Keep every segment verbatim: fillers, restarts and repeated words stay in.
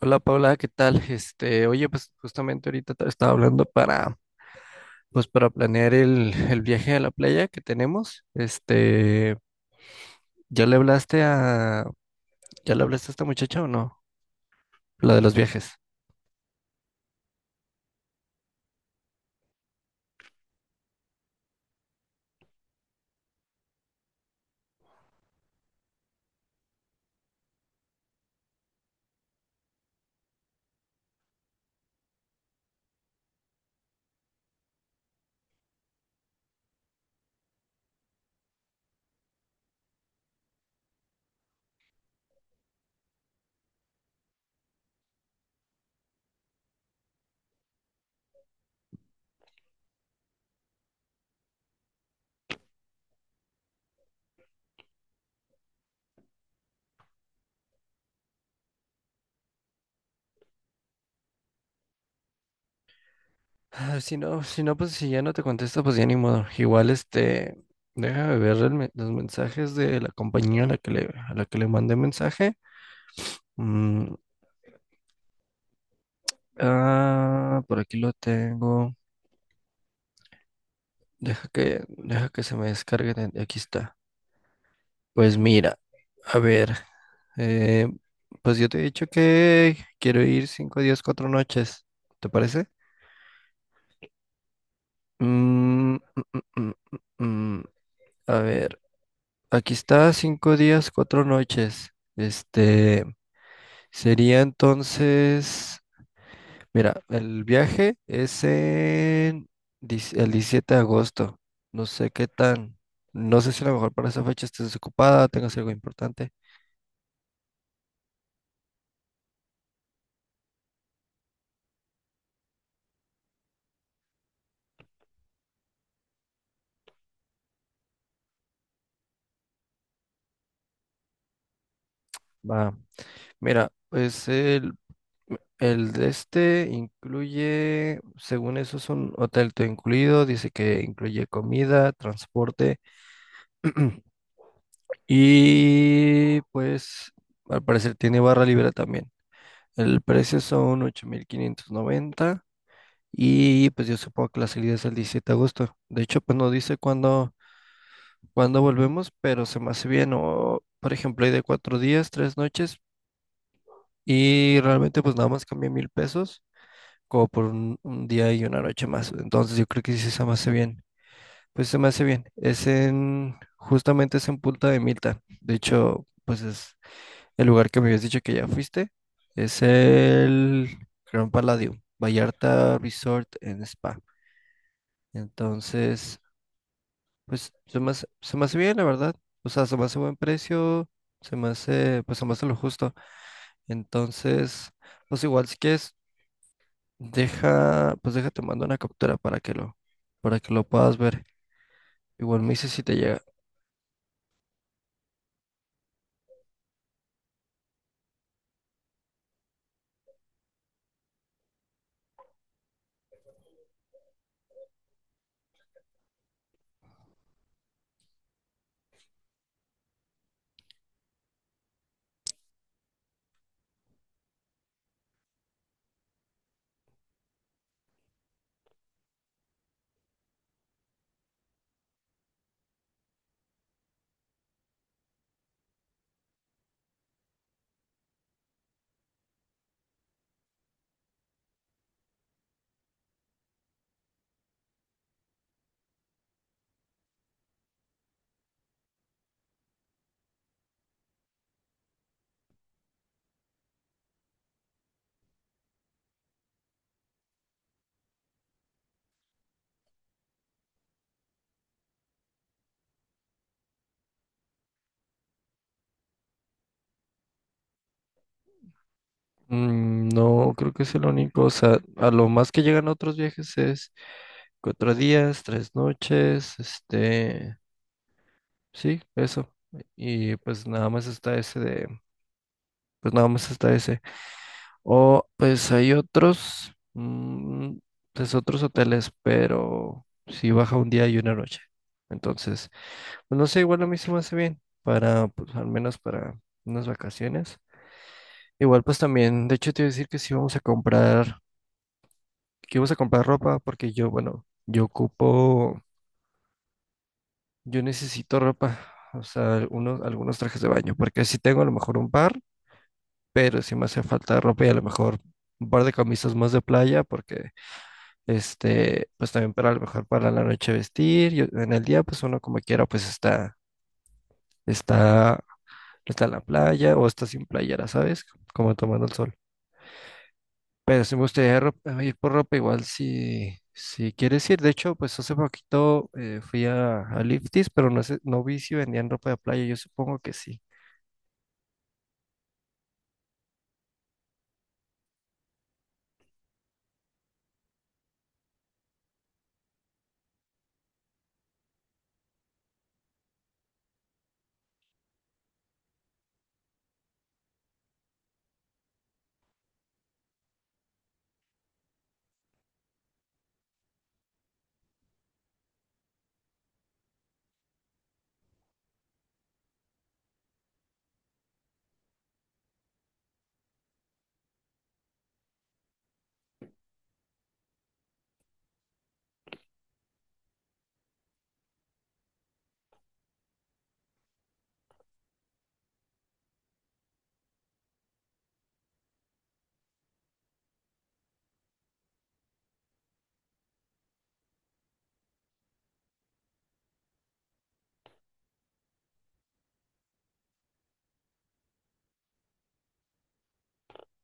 Hola Paula, ¿qué tal? Este, oye, pues justamente ahorita te estaba hablando para, pues para planear el, el viaje a la playa que tenemos. Este, ¿ya le hablaste a, ya le hablaste a esta muchacha o no? La de los viajes. Ah, si no, si no, pues si ya no te contesta, pues ya ni modo. Igual, este, déjame ver el me- los mensajes de la compañía a la que le, a la que le mandé mensaje. Mm, ah, por aquí lo tengo. Deja que, deja que se me descargue. de- Aquí está. Pues mira, a ver, eh, pues yo te he dicho que quiero ir cinco días, cuatro noches, ¿te parece? Mm, mm, mm, mm, mm, mm. A ver, aquí está cinco días, cuatro noches. Este sería entonces, mira, el viaje es en dis- el diecisiete de agosto. No sé qué tan, no sé si a lo mejor para esa fecha estés desocupada, tengas algo importante. Va, mira, pues el El de este incluye, según eso, es un hotel todo incluido. Dice que incluye comida, transporte, y pues al parecer tiene barra libre también. El precio son ocho mil quinientos noventa, y pues yo supongo que la salida es el diecisiete de agosto. De hecho, pues no dice cuándo, cuándo volvemos, pero se me hace bien. O, por ejemplo, hay de cuatro días, tres noches y realmente pues nada más cambia mil pesos, como por un, un día y una noche más. Entonces yo creo que sí se me hace bien. Pues se me hace bien. Es en, justamente es en Punta de Milta. De hecho, pues es el lugar que me habías dicho que ya fuiste. Es el Gran Palladium, Vallarta Resort en Spa. Entonces, pues se me hace, se me hace bien, la verdad. O sea, se me hace buen precio, se me hace, pues se me hace lo justo. Entonces, pues igual, si quieres, Deja, pues déjate mando una captura para que lo, para que lo, puedas ver. Igual me dices si te llega. Mm, no, creo que es el único. O sea, a lo más que llegan otros viajes es cuatro días, tres noches, este, sí, eso. Y pues nada más está ese de, pues nada más está ese. O pues hay otros, mm, pues otros hoteles, pero si baja un día y una noche. Entonces, pues no sé, igual a mí se me hace bien para, pues al menos para unas vacaciones. Igual pues también, de hecho te iba a decir que sí vamos a comprar, que vamos a comprar ropa porque yo, bueno, yo ocupo, yo necesito ropa, o sea, algunos, algunos trajes de baño, porque sí tengo a lo mejor un par, pero sí me hace falta ropa y a lo mejor un par de camisas más de playa porque, este, pues también para, a lo mejor, para la noche vestir, y en el día pues uno como quiera pues está, está está en la playa o está sin playera, ¿sabes? Como tomando el sol. Pero si me gustaría ro- ir por ropa igual si, si quieres ir. De hecho, pues hace poquito eh, fui a, a Lifties, pero no, sé- no vi si vendían ropa de playa. Yo supongo que sí.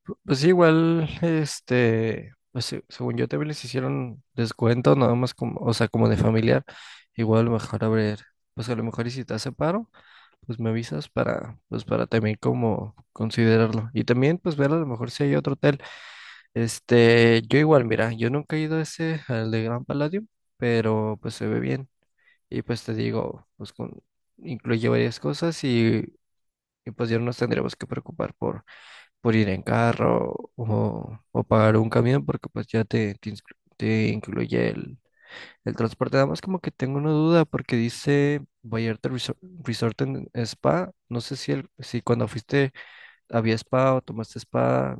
P- Pues sí, igual, este, pues se- según yo también les hicieron descuento, nada más como, o sea, como de familiar. Igual a lo mejor abrir, pues a lo mejor, y si te hace paro, pues me avisas para, pues para también como considerarlo. Y también pues ver a lo mejor si hay otro hotel. Este, yo igual, mira, yo nunca he ido a ese, al de Gran Palladium, pero pues se ve bien. Y pues te digo, pues con, incluye varias cosas y, y, pues ya no nos tendremos que preocupar por, por ir en carro o, o pagar un camión, porque pues ya te, te, inscri- te incluye el, el transporte. Además, como que tengo una duda porque dice Vallarta Resor- Resort and Spa. No sé si, el, si cuando fuiste había spa o tomaste spa.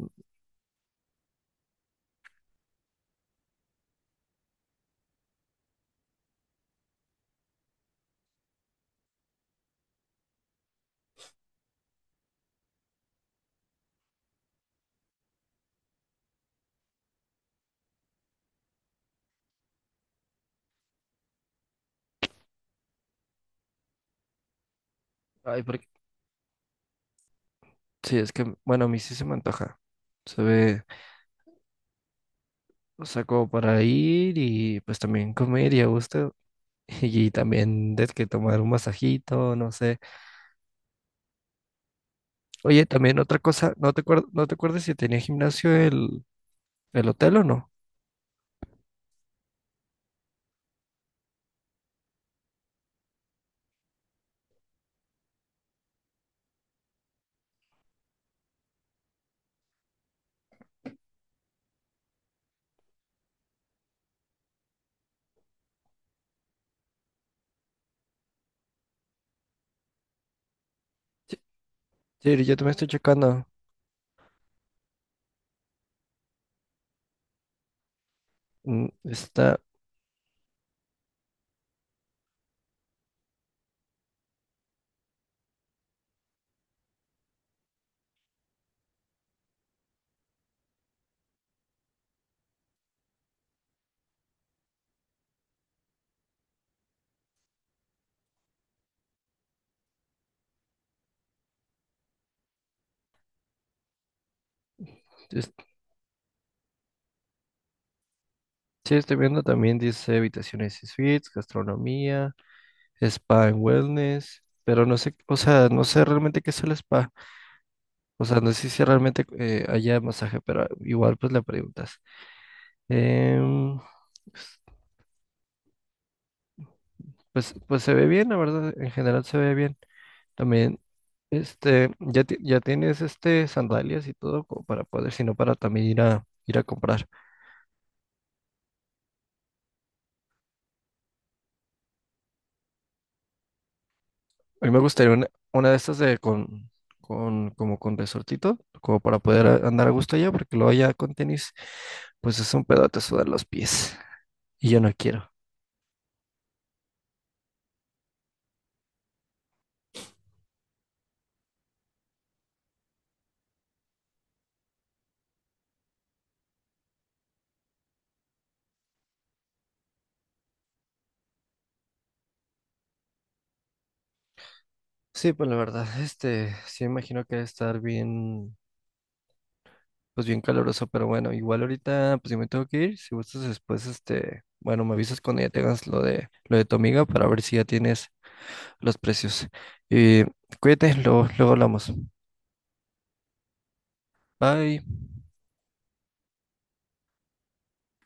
Ay, sí, es que, bueno, a mí sí se me antoja. Se ve, o sea, como para ir y pues también comer y a gusto. Y también de que tomar un masajito, no sé. Oye, también otra cosa, no te acuer- no te acuerdas si tenía gimnasio el, el hotel o no. Sí, sí, yo también estoy checando. Mm, Está, es- sí, estoy viendo también, dice habitaciones y suites, gastronomía, spa and wellness, pero no sé, o sea, no sé realmente qué es el spa. O sea, no sé si realmente eh, haya masaje, pero igual pues le preguntas. Em, pues, pues se ve bien, la verdad, en general se ve bien. También, este, ya, ti- ya tienes este sandalias y todo como para poder, sino para también ir a ir a comprar. A mí me gustaría una, una de estas de con, con como con resortito, como para poder a- andar a gusto allá, porque luego allá con tenis, pues es un pedote sudar los pies. Y yo no quiero. Sí, pues la verdad, este, sí me imagino que debe estar bien, pues bien caluroso, pero bueno, igual ahorita, pues yo me tengo que ir. Si gustas después, este, bueno, me avisas cuando ya tengas lo de, lo de tu amiga, para ver si ya tienes los precios. Eh, cuídate, luego, luego hablamos. Bye.